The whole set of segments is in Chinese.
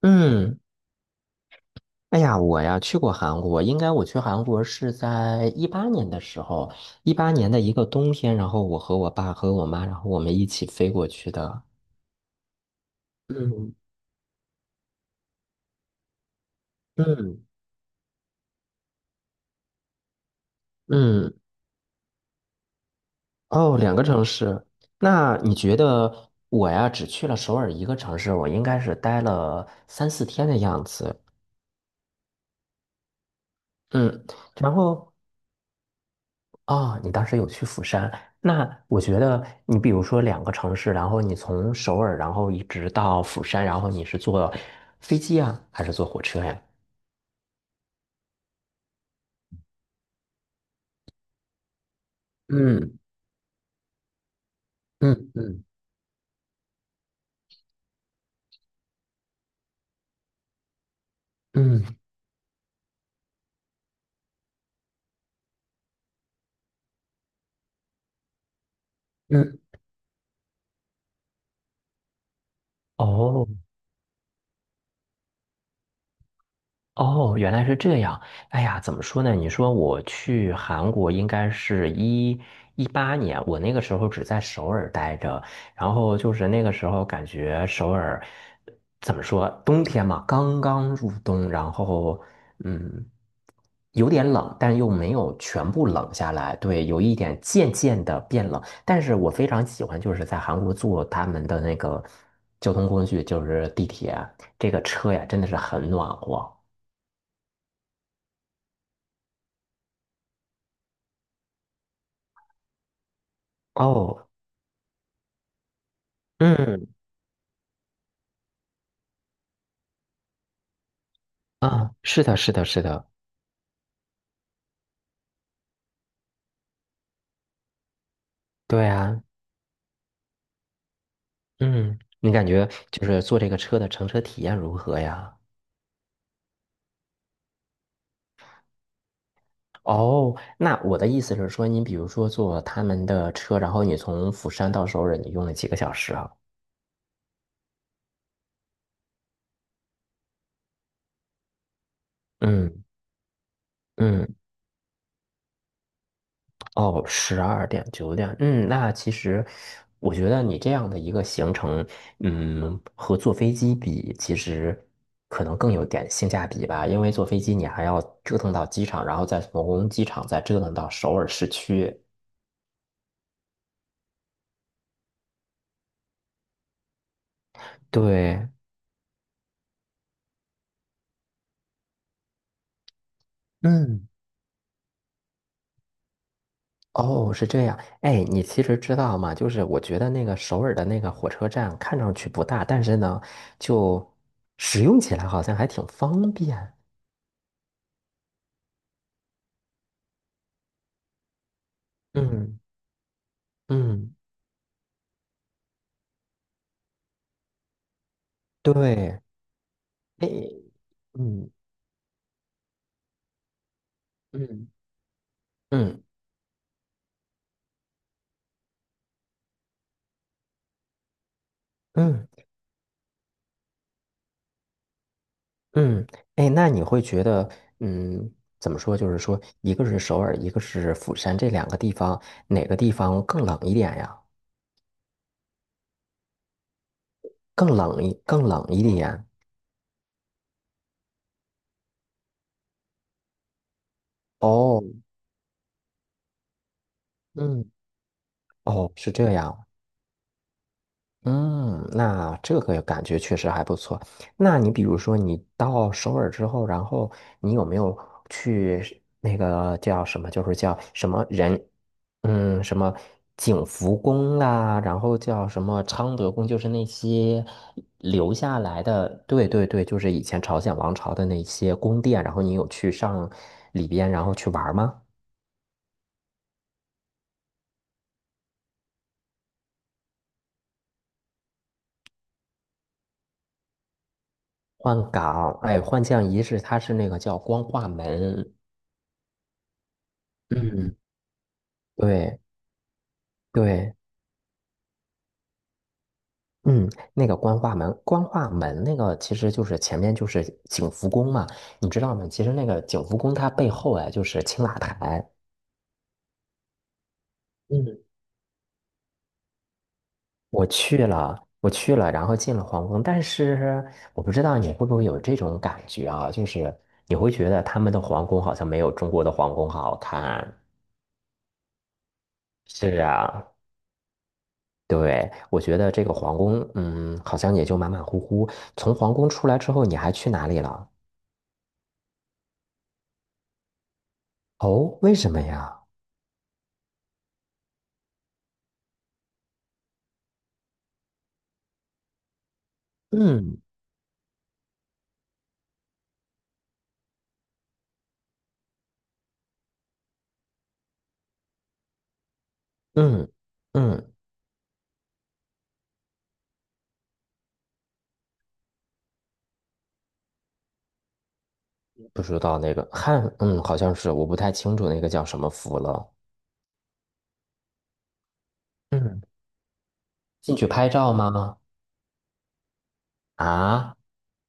嗯，哎呀，我呀去过韩国，应该我去韩国是在一八年的时候，一八年的一个冬天，然后我和我爸和我妈，然后我们一起飞过去的。嗯嗯嗯。哦，两个城市。那你觉得我呀只去了首尔一个城市，我应该是待了3、4天的样子。嗯，然后你当时有去釜山，那我觉得你比如说两个城市，然后你从首尔，然后一直到釜山，然后你是坐飞机啊，还是坐火车呀？嗯嗯嗯嗯嗯。哦。哦，原来是这样。哎呀，怎么说呢？你说我去韩国应该是一八年，我那个时候只在首尔待着，然后就是那个时候感觉首尔怎么说，冬天嘛，刚刚入冬，然后嗯，有点冷，但又没有全部冷下来，对，有一点渐渐的变冷。但是我非常喜欢就是在韩国坐他们的那个交通工具，就是地铁，这个车呀，真的是很暖和。哦。嗯。啊，是的，是的，是的，对啊。嗯，你感觉就是坐这个车的乘车体验如何呀？哦，那我的意思是说，你比如说坐他们的车，然后你从釜山到首尔，你用了几个小时啊？嗯嗯。哦，十二点九点，嗯，那其实我觉得你这样的一个行程，嗯，和坐飞机比，其实可能更有点性价比吧，因为坐飞机你还要折腾到机场，然后再从机场再折腾到首尔市区。对。嗯。哦，是这样。哎，你其实知道吗？就是我觉得那个首尔的那个火车站看上去不大，但是呢，就使用起来好像还挺方便。嗯嗯，对。哎。嗯嗯嗯嗯嗯。哎，那你会觉得，嗯，怎么说？就是说，一个是首尔，一个是釜山，这两个地方，哪个地方更冷一点呀？更冷一点。哦。嗯。哦，是这样。嗯，那这个感觉确实还不错。那你比如说，你到首尔之后，然后你有没有去那个叫什么，就是叫什么人，什么景福宫啦，然后叫什么昌德宫，就是那些留下来的，对对对，就是以前朝鲜王朝的那些宫殿，然后你有去上里边，然后去玩吗？换岗，哎，换将仪式，它是那个叫光化门。嗯，对对。嗯，那个光化门，光化门那个其实就是前面就是景福宫嘛，你知道吗？其实那个景福宫它背后啊就是青瓦台。嗯，我去了，我去了，然后进了皇宫，但是我不知道你会不会有这种感觉啊，就是你会觉得他们的皇宫好像没有中国的皇宫好看。是啊，对，我觉得这个皇宫，嗯，好像也就马马虎虎。从皇宫出来之后，你还去哪里了？哦，为什么呀？嗯。嗯嗯，不知道那个汉，嗯，好像是，我不太清楚那个叫什么服了。嗯，进去拍照吗？啊，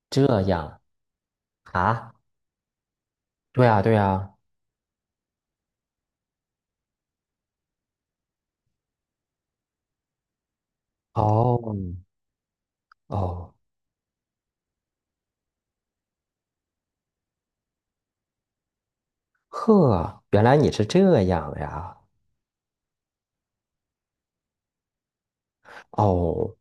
这样啊？对呀对呀。哦哦，呵，原来你是这样呀。哦，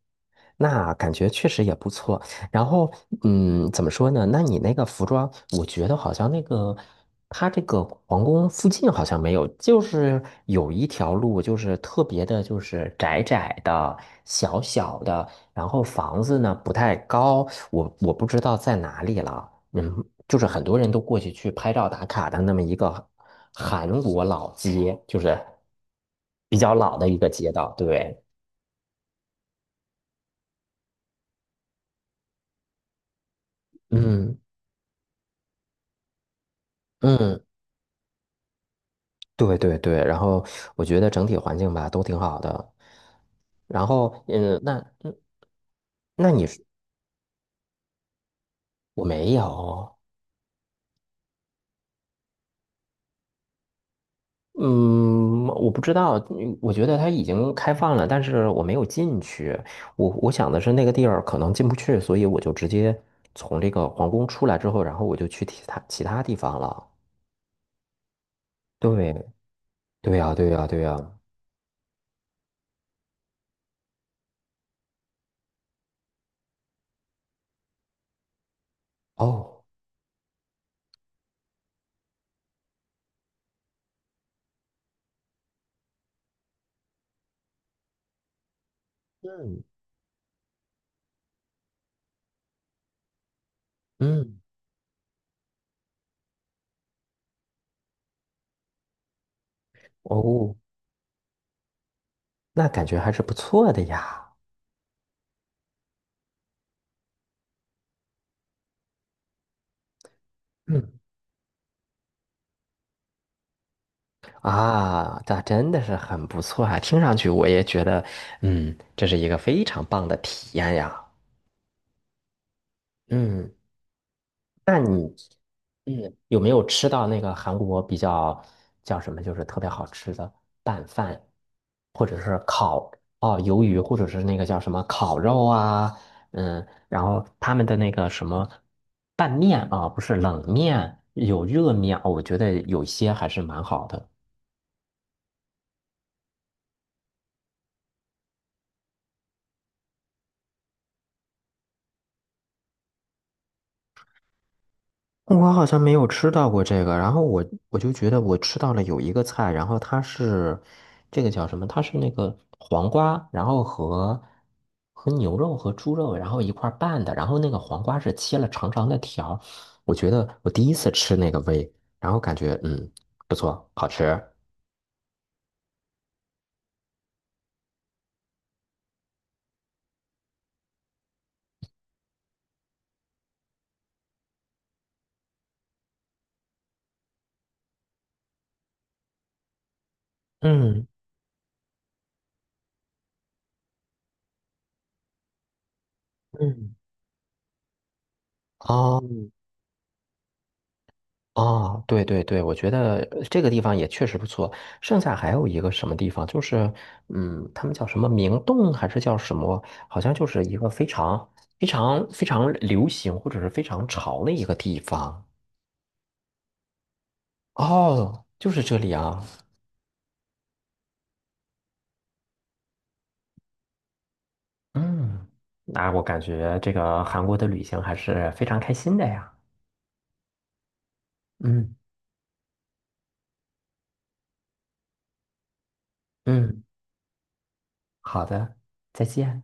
那感觉确实也不错。然后，嗯，怎么说呢？那你那个服装，我觉得好像那个，它这个皇宫附近好像没有，就是有一条路，就是特别的，就是窄窄的、小小的，然后房子呢不太高，我不知道在哪里了。嗯，就是很多人都过去去拍照打卡的那么一个韩国老街，就是比较老的一个街道，对。嗯。嗯，对对对，然后我觉得整体环境吧都挺好的，然后嗯，那嗯，那你是我没有，嗯，我不知道，嗯我觉得它已经开放了，但是我没有进去，我想的是那个地儿可能进不去，所以我就直接从这个皇宫出来之后，然后我就去其他地方了。对，对呀，对呀，对呀。哦。嗯嗯。哦，那感觉还是不错的呀。嗯。啊，那真的是很不错啊！听上去我也觉得，嗯，这是一个非常棒的体验呀。嗯，那你，嗯，有没有吃到那个韩国比较叫什么，就是特别好吃的拌饭，或者是烤哦鱿鱼，或者是那个叫什么烤肉啊？嗯，然后他们的那个什么拌面啊，不是冷面，有热面哦我觉得有些还是蛮好的。我好像没有吃到过这个，然后我就觉得我吃到了有一个菜，然后它是这个叫什么？它是那个黄瓜，然后和和牛肉和猪肉，然后一块儿拌的，然后那个黄瓜是切了长长的条儿我觉得我第一次吃那个味，然后感觉嗯不错，好吃。嗯嗯。哦。哦，对对对，我觉得呃这个地方也确实不错。剩下还有一个什么地方，就是嗯，他们叫什么明洞还是叫什么？好像就是一个非常非常非常流行或者是非常潮的一个地方。哦，就是这里啊。嗯，那我感觉这个韩国的旅行还是非常开心的呀。嗯嗯，好的，再见。